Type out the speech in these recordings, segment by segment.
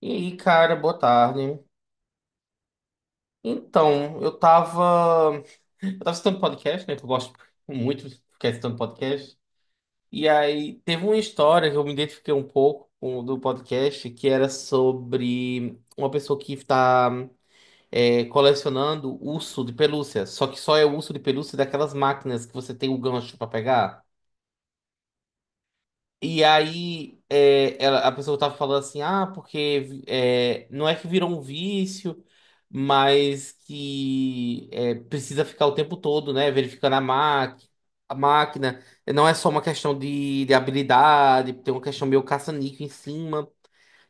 E aí, cara, boa tarde. Então, eu tava assistindo podcast, né? Que eu gosto muito de ficar assistindo podcast. E aí, teve uma história que eu me identifiquei um pouco com, do podcast, que era sobre uma pessoa que tá colecionando urso de pelúcia. Só que só é urso de pelúcia daquelas máquinas que você tem o gancho pra pegar. E aí a pessoa tava falando assim, ah, porque não é que virou um vício, mas precisa ficar o tempo todo, né, verificando a máquina. A máquina não é só uma questão de habilidade, tem uma questão meio caça-níquel em cima.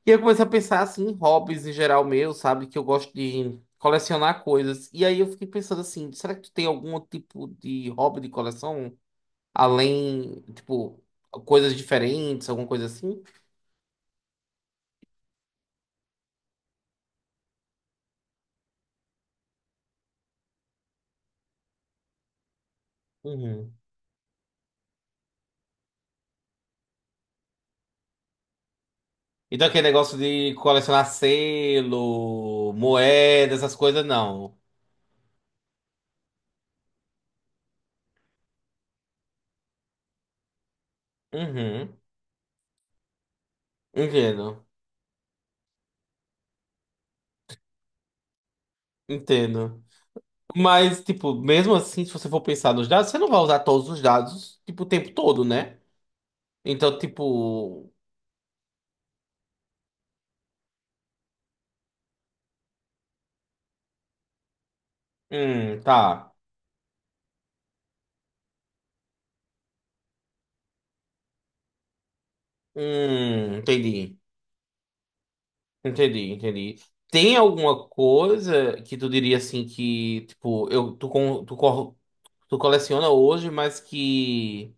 E aí eu comecei a pensar assim em hobbies em geral meu, sabe? Que eu gosto de colecionar coisas. E aí eu fiquei pensando assim, será que tu tem algum tipo de hobby de coleção? Além, tipo, coisas diferentes, alguma coisa assim? Uhum. Então aquele negócio de colecionar selo, moeda, essas coisas, não. Uhum. Entendo. Entendo. Mas, tipo, mesmo assim, se você for pensar nos dados, você não vai usar todos os dados, tipo, o tempo todo, né? Então, tipo. Tá. Entendi. Entendi, entendi. Tem alguma coisa que tu diria assim que, tipo, eu, tu, con- tu, cor- tu coleciona hoje, mas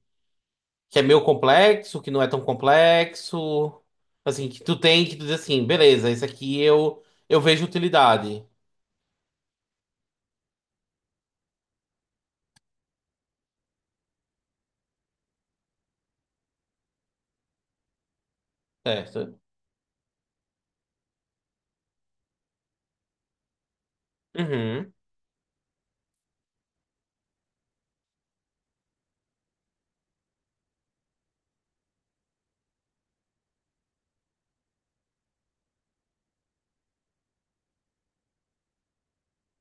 que é meio complexo, que não é tão complexo, assim, que tu tem que tu diz assim, beleza, eu vejo utilidade, certo? Uhum,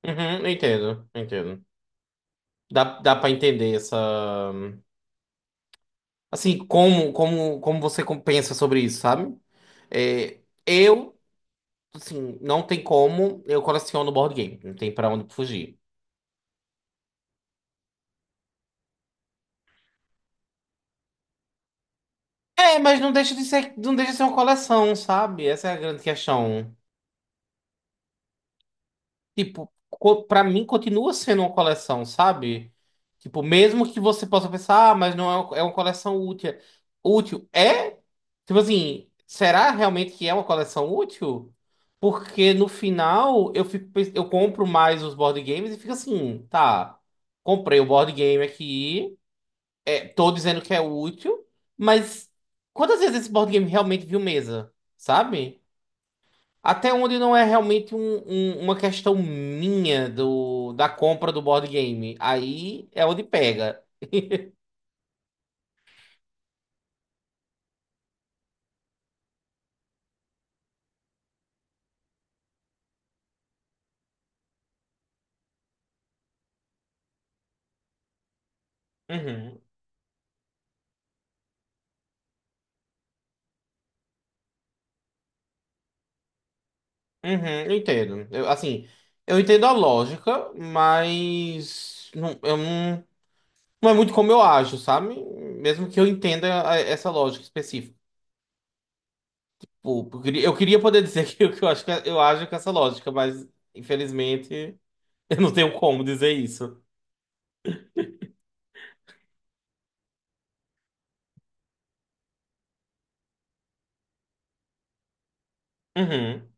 uhum, eu entendo, eu entendo. Dá pra entender essa... Assim, como você com- pensa sobre isso, sabe? É, eu, assim, não tem como, eu coleciono board game, não tem pra onde fugir. É, mas não deixa de ser, não deixa de ser uma coleção, sabe? Essa é a grande questão. Tipo, co- pra mim continua sendo uma coleção, sabe? Tipo, mesmo que você possa pensar, ah, mas não é uma, é uma coleção útil. Útil. É? Tipo assim, será realmente que é uma coleção útil? Porque no final eu fico, pens- eu compro mais os board games e fico assim, tá, comprei o board game aqui, é, tô dizendo que é útil, mas quantas vezes esse board game realmente viu mesa, sabe? Até onde não é realmente um- um- uma questão minha do, da compra do board game. Aí é onde pega. Uhum, uhum, eu entendo. Eu, assim, eu entendo a lógica, mas não, eu não, não é muito como eu acho, sabe? Mesmo que eu entenda a- essa lógica específica. Pô, eu queria poder dizer que eu acho que eu ajo com essa lógica, mas infelizmente eu não tenho como dizer isso. Uhum.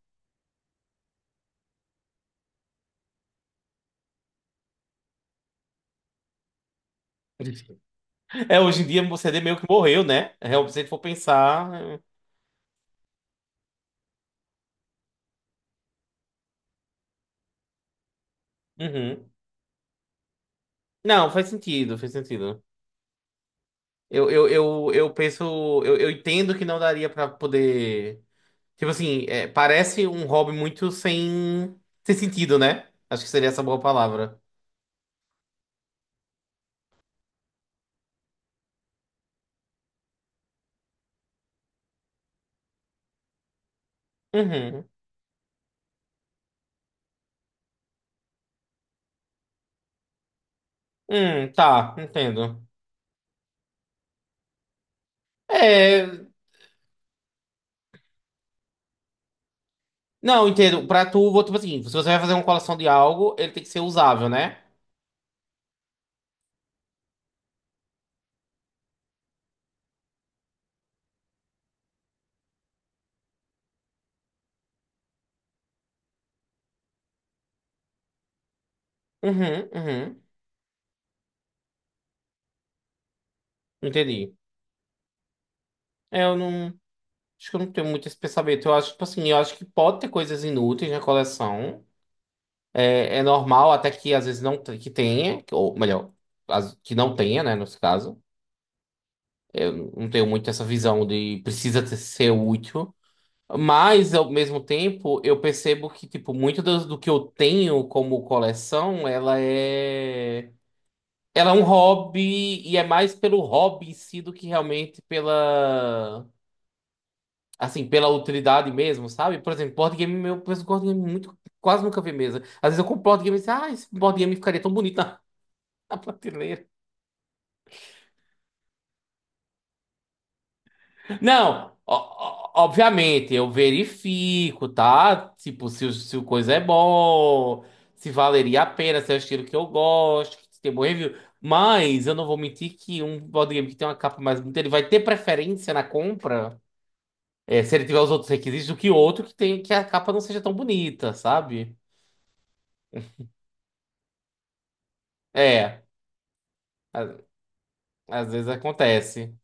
É, hoje em dia o CD meio que morreu, né? Realmente, se a gente for pensar. É. Uhum. Não, faz sentido, faz sentido. Eu penso. Eu entendo que não daria pra poder. Tipo assim, é, parece um hobby muito sem sentido, né? Acho que seria essa boa palavra. Uhum. Tá, entendo. É. Não, entendo. Pra tu, vou- tipo assim, se você vai fazer uma coleção de algo, ele tem que ser usável, né? Uhum, uhum. Entendi. É, Eu não. Acho que eu não tenho muito esse pensamento. Eu acho, tipo assim, eu acho que pode ter coisas inúteis na coleção. É normal até que às vezes não te- que tenha, ou melhor, as- que não tenha, né, nesse caso. Eu não tenho muito essa visão de precisa ter- ser útil. Mas, ao mesmo tempo, eu percebo que, tipo, muito do que eu tenho como coleção, ela é... Ela é um hobby e é mais pelo hobby em si do que realmente pela... Assim, pela utilidade mesmo, sabe? Por exemplo, board game, eu penso em board game muito, quase nunca vi mesa. Às vezes eu compro board game e penso, ah, esse board game ficaria tão bonito na, na prateleira. Não, o- obviamente, eu verifico, tá? Tipo, se, o- se o coisa é bom, se valeria a pena, se é o estilo que eu gosto, se tem bom review. Mas eu não vou mentir que um board game que tem uma capa mais bonita, ele vai ter preferência na compra, eh, se ele tiver os outros requisitos, do que outro que tem que a capa não seja tão bonita, sabe? É. Às vezes acontece,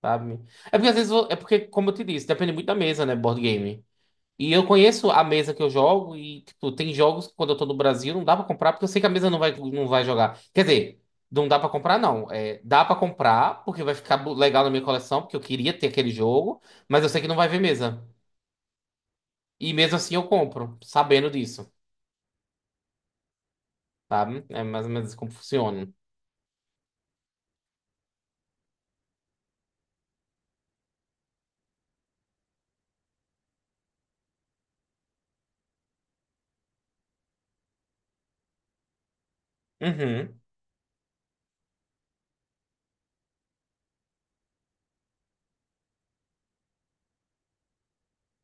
sabe? É porque às vezes, eu- é porque, como eu te disse, depende muito da mesa, né, board game. E eu conheço a mesa que eu jogo e, tipo, tem jogos que quando eu tô no Brasil não dá pra comprar porque eu sei que a mesa não vai jogar. Quer dizer, não dá pra comprar, não. É, dá pra comprar porque vai ficar bo- legal na minha coleção, porque eu queria ter aquele jogo, mas eu sei que não vai ver mesa. E mesmo assim eu compro, sabendo disso, sabe? É mais ou menos assim como funciona. Uhum.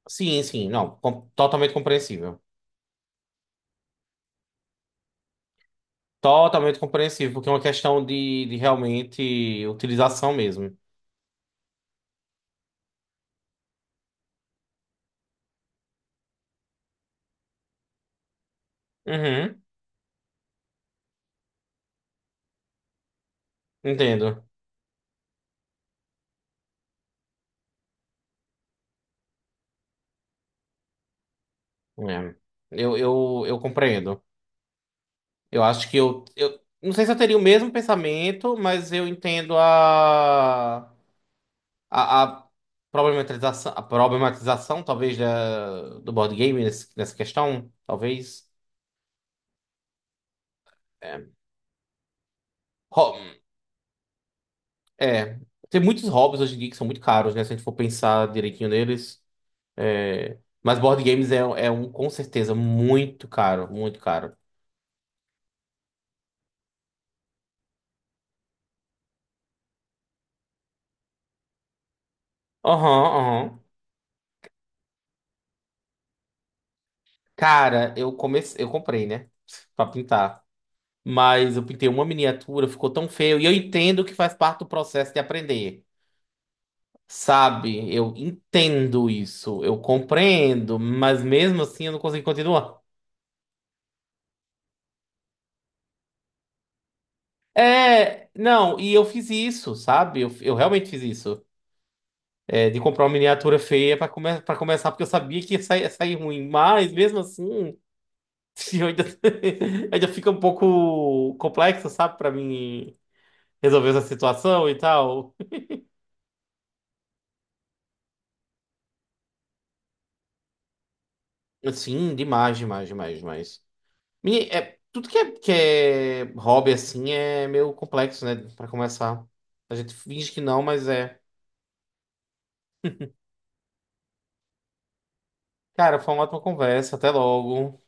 Sim, não, com- totalmente compreensível. Totalmente compreensível, porque é uma questão de realmente utilização mesmo. Uhum, entendo. É. Eu compreendo. Eu acho que eu, eu. Não sei se eu teria o mesmo pensamento, mas eu entendo a. A problematização, a problematização, talvez, da, do board game nesse- nessa questão. Talvez. É. Ho- é. Tem muitos hobbies hoje em dia que são muito caros, né? Se a gente for pensar direitinho neles. É, mas board games é, é um, com certeza, muito caro, muito caro. Aham, aham. Cara, eu comecei, eu comprei, né? Pra pintar. Mas eu pintei uma miniatura, ficou tão feio. E eu entendo que faz parte do processo de aprender. Sabe? Eu entendo isso, eu compreendo, mas mesmo assim eu não consegui continuar. É, não, e eu fiz isso, sabe? Eu realmente fiz isso. É, de comprar uma miniatura feia pra, come pra começar, porque eu sabia que ia sair ruim. Mas mesmo assim. Sim, eu ainda, ainda fica um pouco complexo, sabe, pra mim resolver essa situação e tal. Sim, demais, demais, demais, demais. Menina, é, tudo que é hobby assim é meio complexo, né, pra começar. A gente finge que não, mas é. Cara, foi uma ótima conversa, até logo.